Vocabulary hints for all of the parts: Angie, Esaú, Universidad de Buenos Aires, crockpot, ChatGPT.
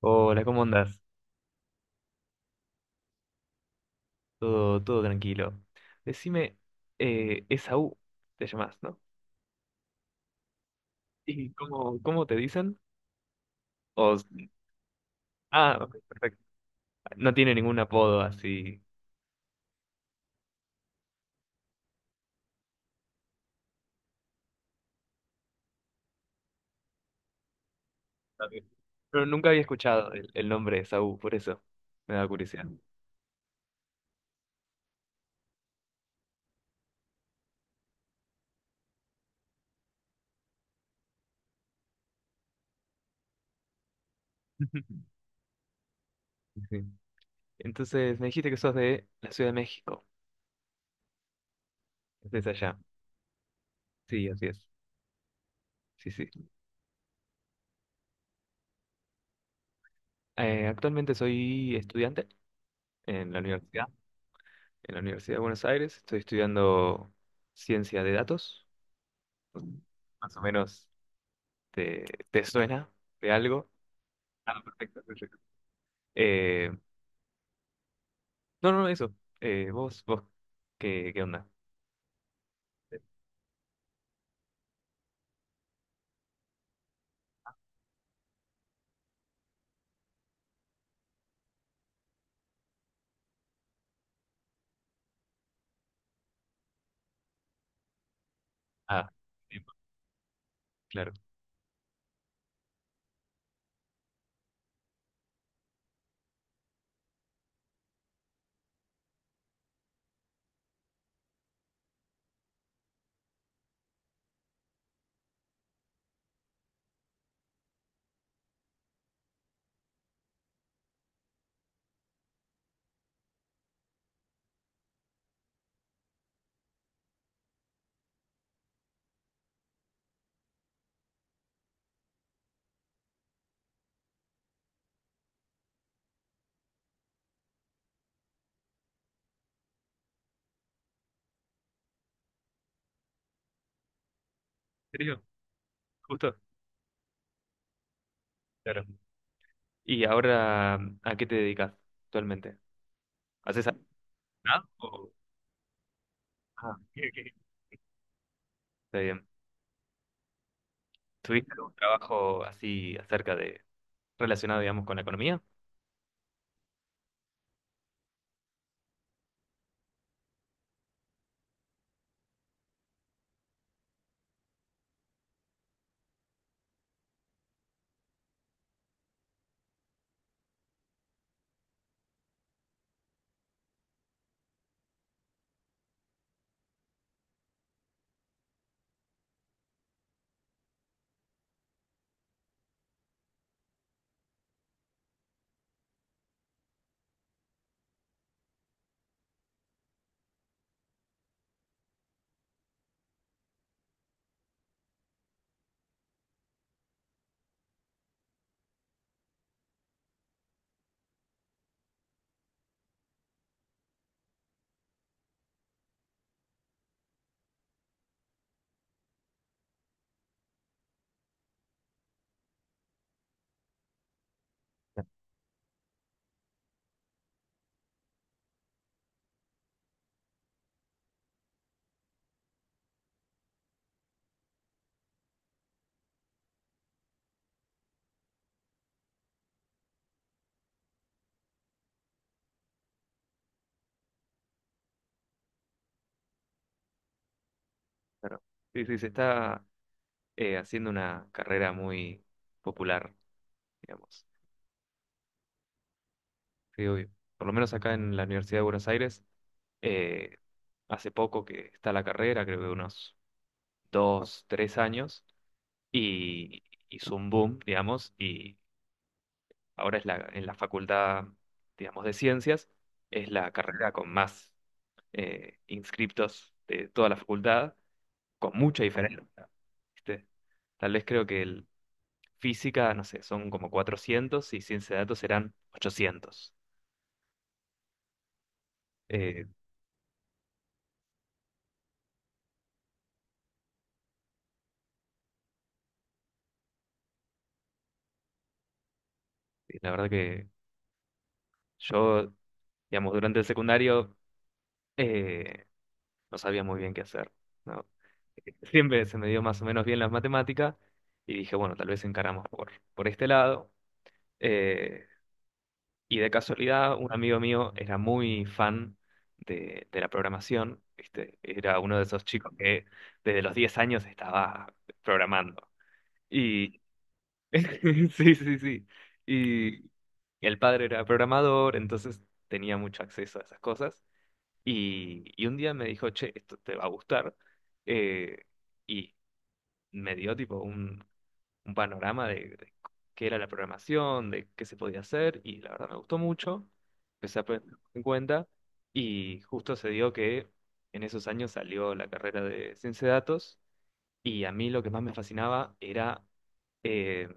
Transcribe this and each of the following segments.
Hola, ¿cómo andás? Todo tranquilo. Decime, Esaú, te llamás, ¿no? ¿Y cómo te dicen? O ah, ok, perfecto. No tiene ningún apodo así. Está bien. Pero nunca había escuchado el nombre de Esaú, por eso me da curiosidad. Sí. Entonces, me dijiste que sos de la Ciudad de México, desde allá. Sí, así es. Sí, sí. Actualmente soy estudiante en la universidad, en la Universidad de Buenos Aires. Estoy estudiando ciencia de datos. Pues, más o menos, ¿te, te suena de algo? Ah, perfecto, perfecto. Eh, no, no, eso. Vos, ¿qué, qué onda? Ah, sí, claro. ¿En serio? Justo. Claro. ¿Y ahora a qué te dedicas actualmente? ¿Haces algo? ¿Nada? O- Ah, ok, ok. Está bien. ¿Tuviste algún trabajo así acerca de, relacionado, digamos, con la economía? Claro. Sí, sí, se está haciendo una carrera muy popular, digamos. Sí, obvio. Por lo menos acá en la Universidad de Buenos Aires, eh, hace poco que está la carrera, creo que unos dos, tres años, y hizo un boom, digamos, y ahora es la, en la facultad, digamos, de ciencias, es la carrera con más inscriptos de toda la facultad, con mucha diferencia, ¿viste? Tal vez creo que el física, no sé, son como 400 y ciencia de datos serán 800. Eh, y la verdad que yo, digamos, durante el secundario eh, no sabía muy bien qué hacer, ¿no? Siempre se me dio más o menos bien las matemáticas y dije, bueno, tal vez encaramos por este lado. Eh, y de casualidad, un amigo mío era muy fan de la programación, ¿viste? Era uno de esos chicos que desde los 10 años estaba programando. Y sí, sí, sí. Y el padre era programador, entonces tenía mucho acceso a esas cosas. Y un día me dijo, che, esto te va a gustar. eh, y me dio tipo un panorama de qué era la programación, de qué se podía hacer. Y la verdad me gustó mucho. Empecé a poner en cuenta. Y justo se dio que en esos años salió la carrera de ciencia de datos. Y a mí lo que más me fascinaba era eh,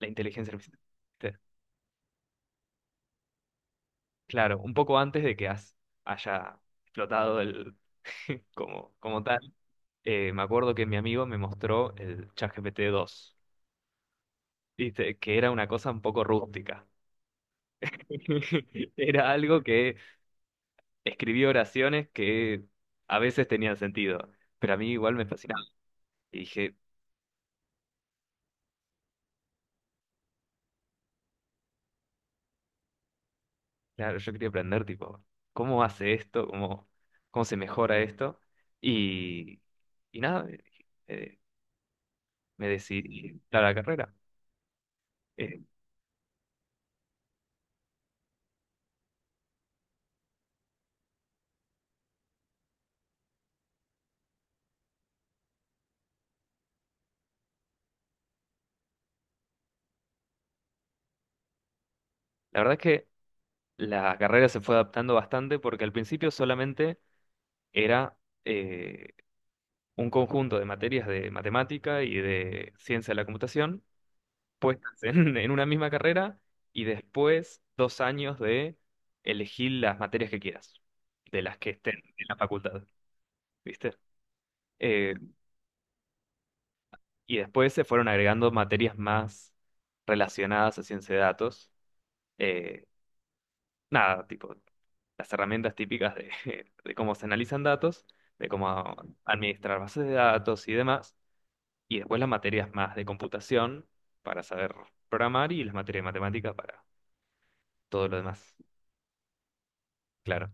la inteligencia artificial. ¿Viste? Claro, un poco antes de que haya explotado el, como tal. Me acuerdo que mi amigo me mostró el ChatGPT 2, ¿viste? Que era una cosa un poco rústica. Era algo que escribía oraciones que a veces tenían sentido, pero a mí igual me fascinaba. Y dije, claro, yo quería aprender, tipo, ¿cómo hace esto? Cómo se mejora esto? Y, y nada, eh, me decidí a la carrera. Eh, la verdad es que la carrera se fue adaptando bastante porque al principio solamente era... eh, un conjunto de materias de matemática y de ciencia de la computación puestas en una misma carrera y después dos años de elegir las materias que quieras, de las que estén en la facultad, ¿viste? Eh, y después se fueron agregando materias más relacionadas a ciencia de datos. eh, Nada, tipo las herramientas típicas de, de cómo se analizan datos, de cómo administrar bases de datos y demás. Y después las materias más de computación para saber programar y las materias de matemática para todo lo demás. Claro.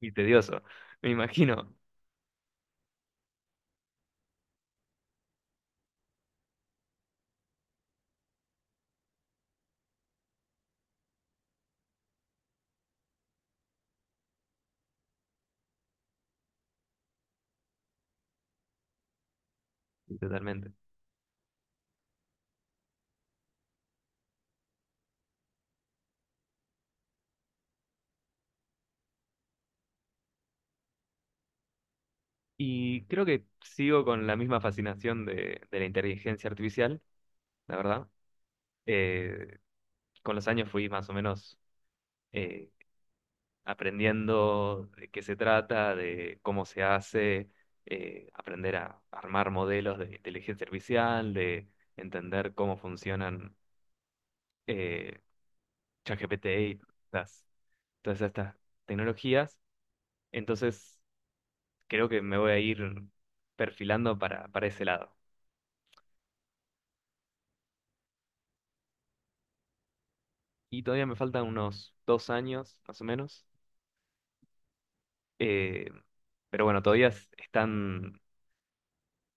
Y tedioso, me imagino. Sí, totalmente. Y creo que sigo con la misma fascinación de la inteligencia artificial, la verdad. Eh, con los años fui más o menos eh, aprendiendo de qué se trata, de cómo se hace, aprender a armar modelos de inteligencia artificial, de entender cómo funcionan. eh, ChatGPT y las, todas estas tecnologías. Entonces, creo que me voy a ir perfilando para ese lado. Y todavía me faltan unos dos años, más o menos. Eh, pero bueno, están,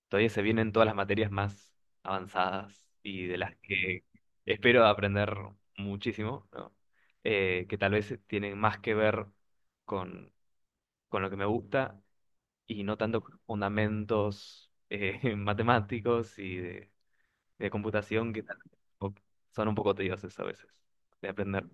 todavía se vienen todas las materias más avanzadas y de las que espero aprender muchísimo, ¿no? Que tal vez tienen más que ver con, con lo que me gusta y no tanto fundamentos matemáticos y de computación que o- son un poco tediosos a veces de aprender.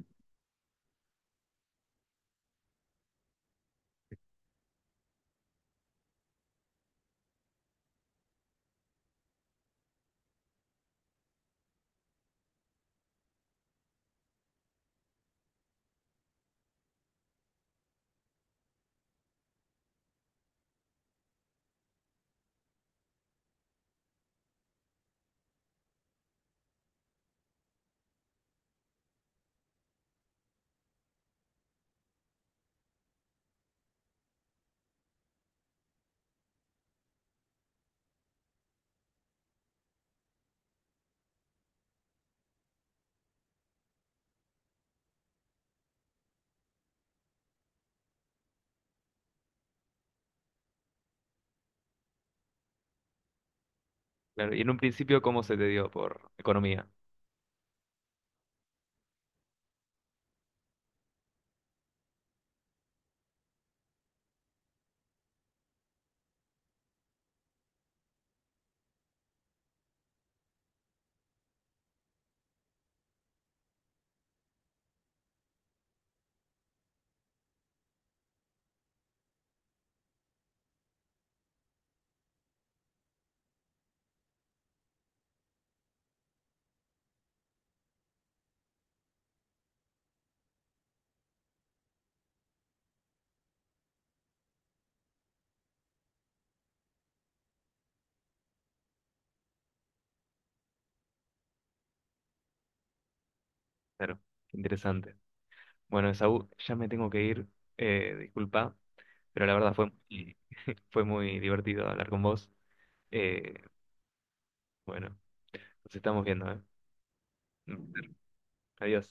Claro, y en un principio, ¿cómo se te dio por economía? Claro, interesante. Bueno, Esaú, ya me tengo que ir, disculpa, pero la verdad fue muy divertido hablar con vos. Eh, bueno, nos estamos viendo, ¿eh? Un placer. Adiós.